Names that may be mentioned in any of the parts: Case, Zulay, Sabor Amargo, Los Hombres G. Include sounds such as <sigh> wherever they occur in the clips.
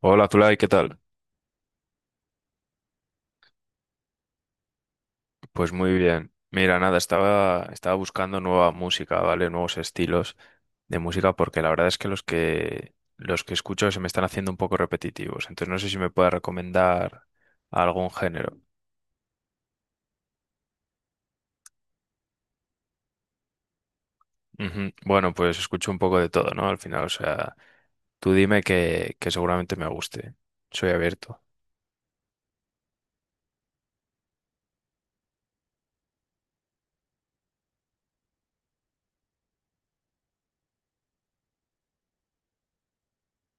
Hola, Zulay, ¿qué tal? Pues muy bien. Mira, nada, estaba buscando nueva música, ¿vale? Nuevos estilos de música, porque la verdad es que los que escucho se me están haciendo un poco repetitivos. Entonces no sé si me puedes recomendar algún género. Ujú. Bueno, pues escucho un poco de todo, ¿no? Al final, o sea, tú dime que seguramente me guste. Soy abierto.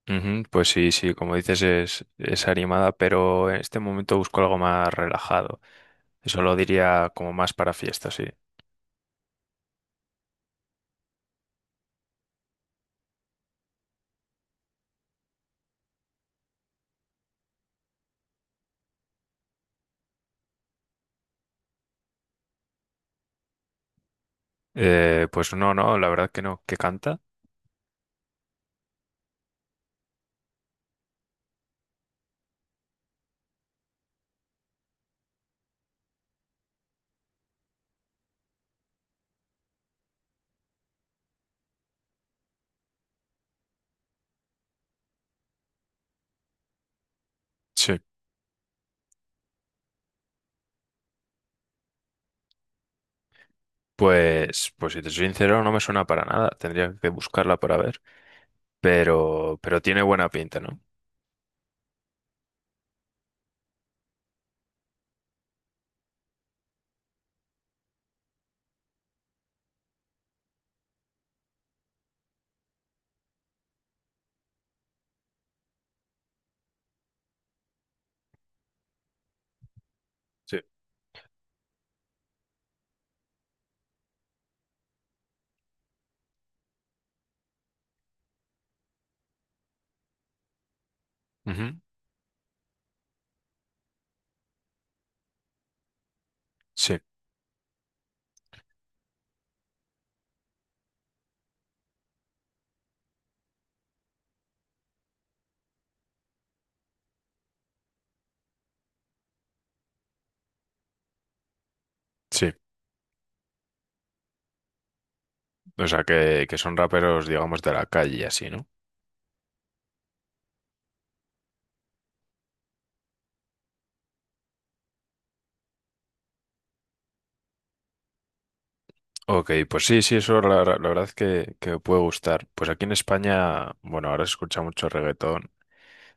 Ujú. Pues sí, sí, como dices, es animada, pero en este momento busco algo más relajado. Eso lo diría como más para fiestas, sí. Pues no, no, la verdad que no. ¿Que canta? Sí. Pues, pues si te soy sincero, no me suena para nada. Tendría que buscarla para ver. Pero tiene buena pinta, ¿no? Sí. Ujú, sí, sí. O sea, que son raperos, digamos, de la calle y así, ¿no? Ok, pues sí, sí, eso la verdad es que me puede gustar. Pues aquí en España, bueno, ahora se escucha mucho reggaetón,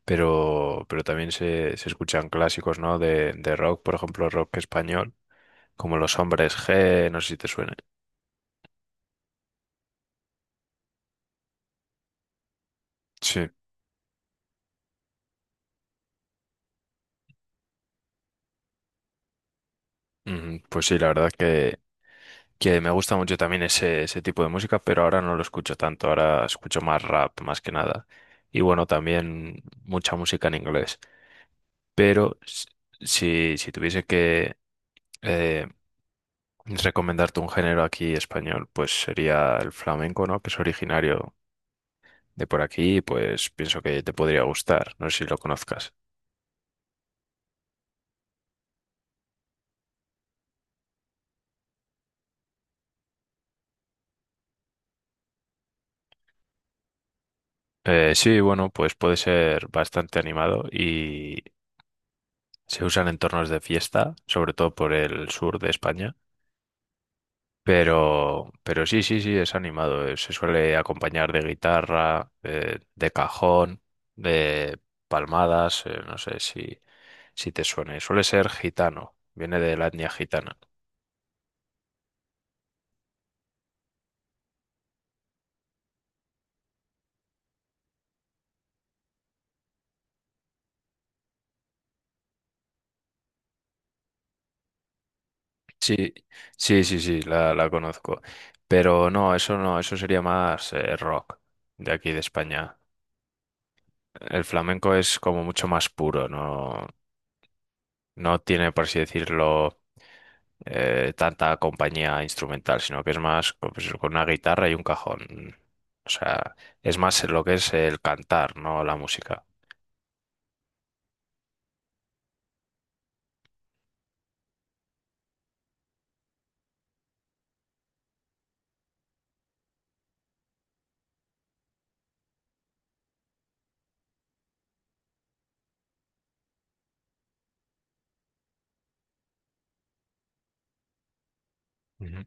pero también se escuchan clásicos, ¿no? De rock, por ejemplo, rock español, como Los Hombres G, no sé si te suena. Sí. Ujú. Pues sí, la verdad que me gusta mucho también ese tipo de música, pero ahora no lo escucho tanto, ahora escucho más rap más que nada. Y bueno, también mucha música en inglés. Pero si, si tuviese que eh, recomendarte un género aquí español, pues sería el flamenco, ¿no? Que es originario de por aquí, pues pienso que te podría gustar, no sé si lo conozcas. Sí, bueno, pues puede ser bastante animado. Se usan en entornos de fiesta, sobre todo por el sur de España. Pero sí, sí, sí, es animado. Se suele acompañar de guitarra, de cajón, de palmadas. No sé si, si te suene. Suele ser gitano, viene de la etnia gitana. Sí, sí, sí, sí, la conozco. Pero no, eso no, eso sería más rock de aquí de España. El flamenco es como mucho más puro, ¿no? No tiene, por así decirlo, tanta compañía instrumental, sino que es más pues, con una guitarra y un cajón. O sea, es más lo que es el cantar, no la música. Ujú.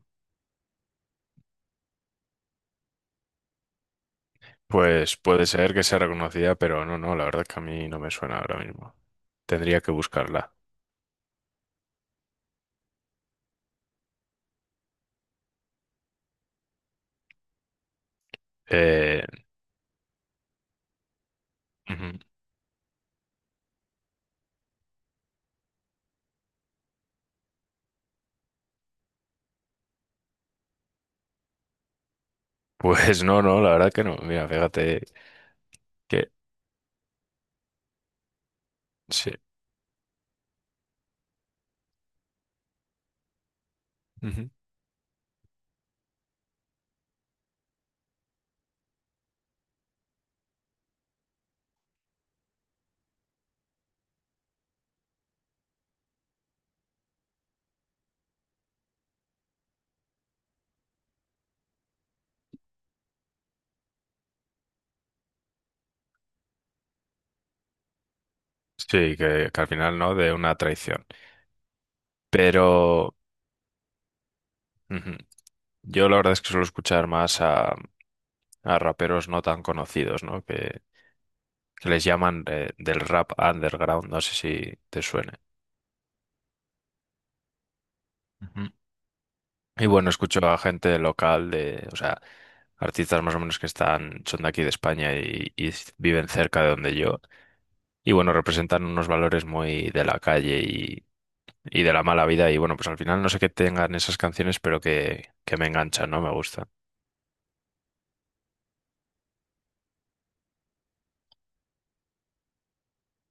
Pues puede ser que sea reconocida, pero no, no, la verdad es que a mí no me suena ahora mismo. Tendría que buscarla. Eh, ujú. <laughs> Pues no, no, la verdad que no. Mira, fíjate que sí. Ujú. Sí, que al final no, de una traición. Pero ujú, yo la verdad es que suelo escuchar más a raperos no tan conocidos, ¿no? Que les llaman del rap underground, no sé si te suene. Ujú. Y bueno, escucho a gente local de, o sea, artistas más o menos que están, son de aquí de España y viven cerca de donde yo. Y bueno, representan unos valores muy de la calle y de la mala vida. Y bueno, pues al final no sé qué tengan esas canciones, pero que me enganchan, ¿no? Me gusta.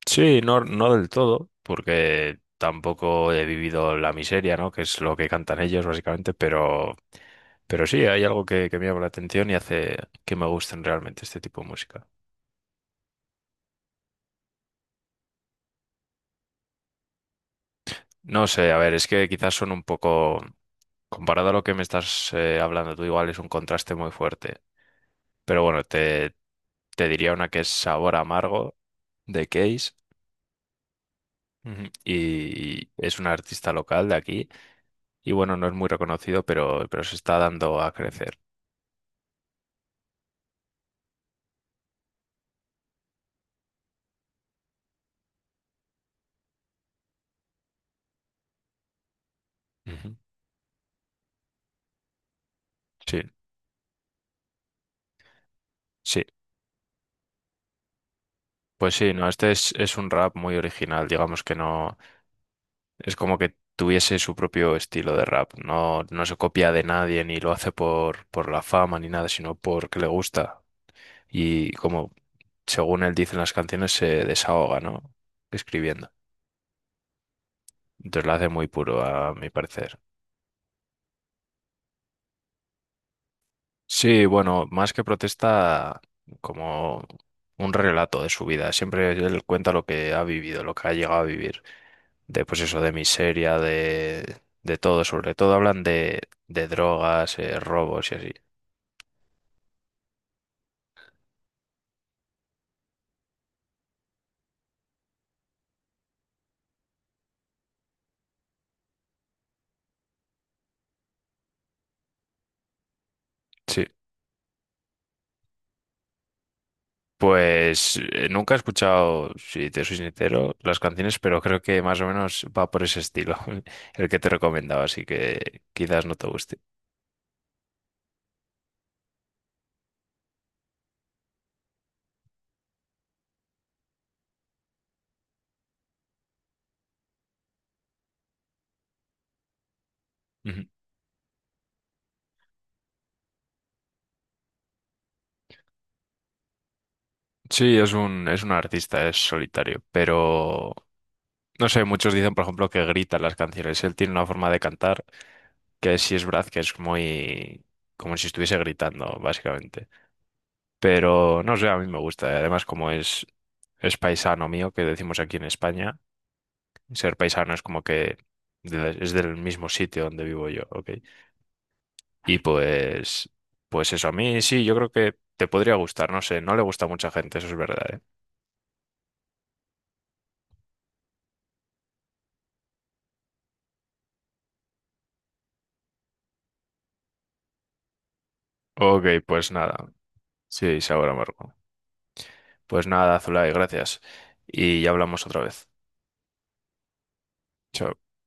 Sí, no, no del todo, porque tampoco he vivido la miseria, ¿no? Que es lo que cantan ellos, básicamente, pero sí, hay algo que me llama la atención y hace que me gusten realmente este tipo de música. No sé, a ver, es que quizás son un poco, comparado a lo que me estás hablando tú, igual es un contraste muy fuerte. Pero bueno, te diría una que es Sabor Amargo de Case. Ujú. Y es un artista local de aquí y bueno, no es muy reconocido, pero se está dando a crecer. Ujú. Sí, sí, pues sí, no, este es un rap muy original, digamos que no, es como que tuviese su propio estilo de rap, no, no se copia de nadie ni lo hace por la fama ni nada, sino porque le gusta y como según él dice en las canciones se desahoga, ¿no? Escribiendo. Entonces lo hace muy puro a mi parecer. Sí, bueno, más que protesta, como un relato de su vida. Siempre él cuenta lo que ha vivido, lo que ha llegado a vivir. De, pues eso, de miseria, de todo. Sobre todo hablan de drogas, robos y así. Sí. Pues nunca he escuchado, si te soy sincero, las canciones, pero creo que más o menos va por ese estilo, <laughs> el que te recomendaba, así que quizás no te guste. Sí, es un artista, es solitario, pero no sé, muchos dicen, por ejemplo, que grita en las canciones. Él tiene una forma de cantar que sí es verdad que es muy como si estuviese gritando, básicamente. Pero no sé, a mí me gusta. Y además, como es paisano mío, que decimos aquí en España, ser paisano es como que es del mismo sitio donde vivo yo, ¿ok? Y pues, pues eso, a mí sí, yo creo que te podría gustar, no sé, no le gusta a mucha gente, eso es verdad, ¿eh? Ok, pues nada. Sí, sí, ahora, Marco. Pues nada, Zulay, gracias. Y ya hablamos otra vez. Chao.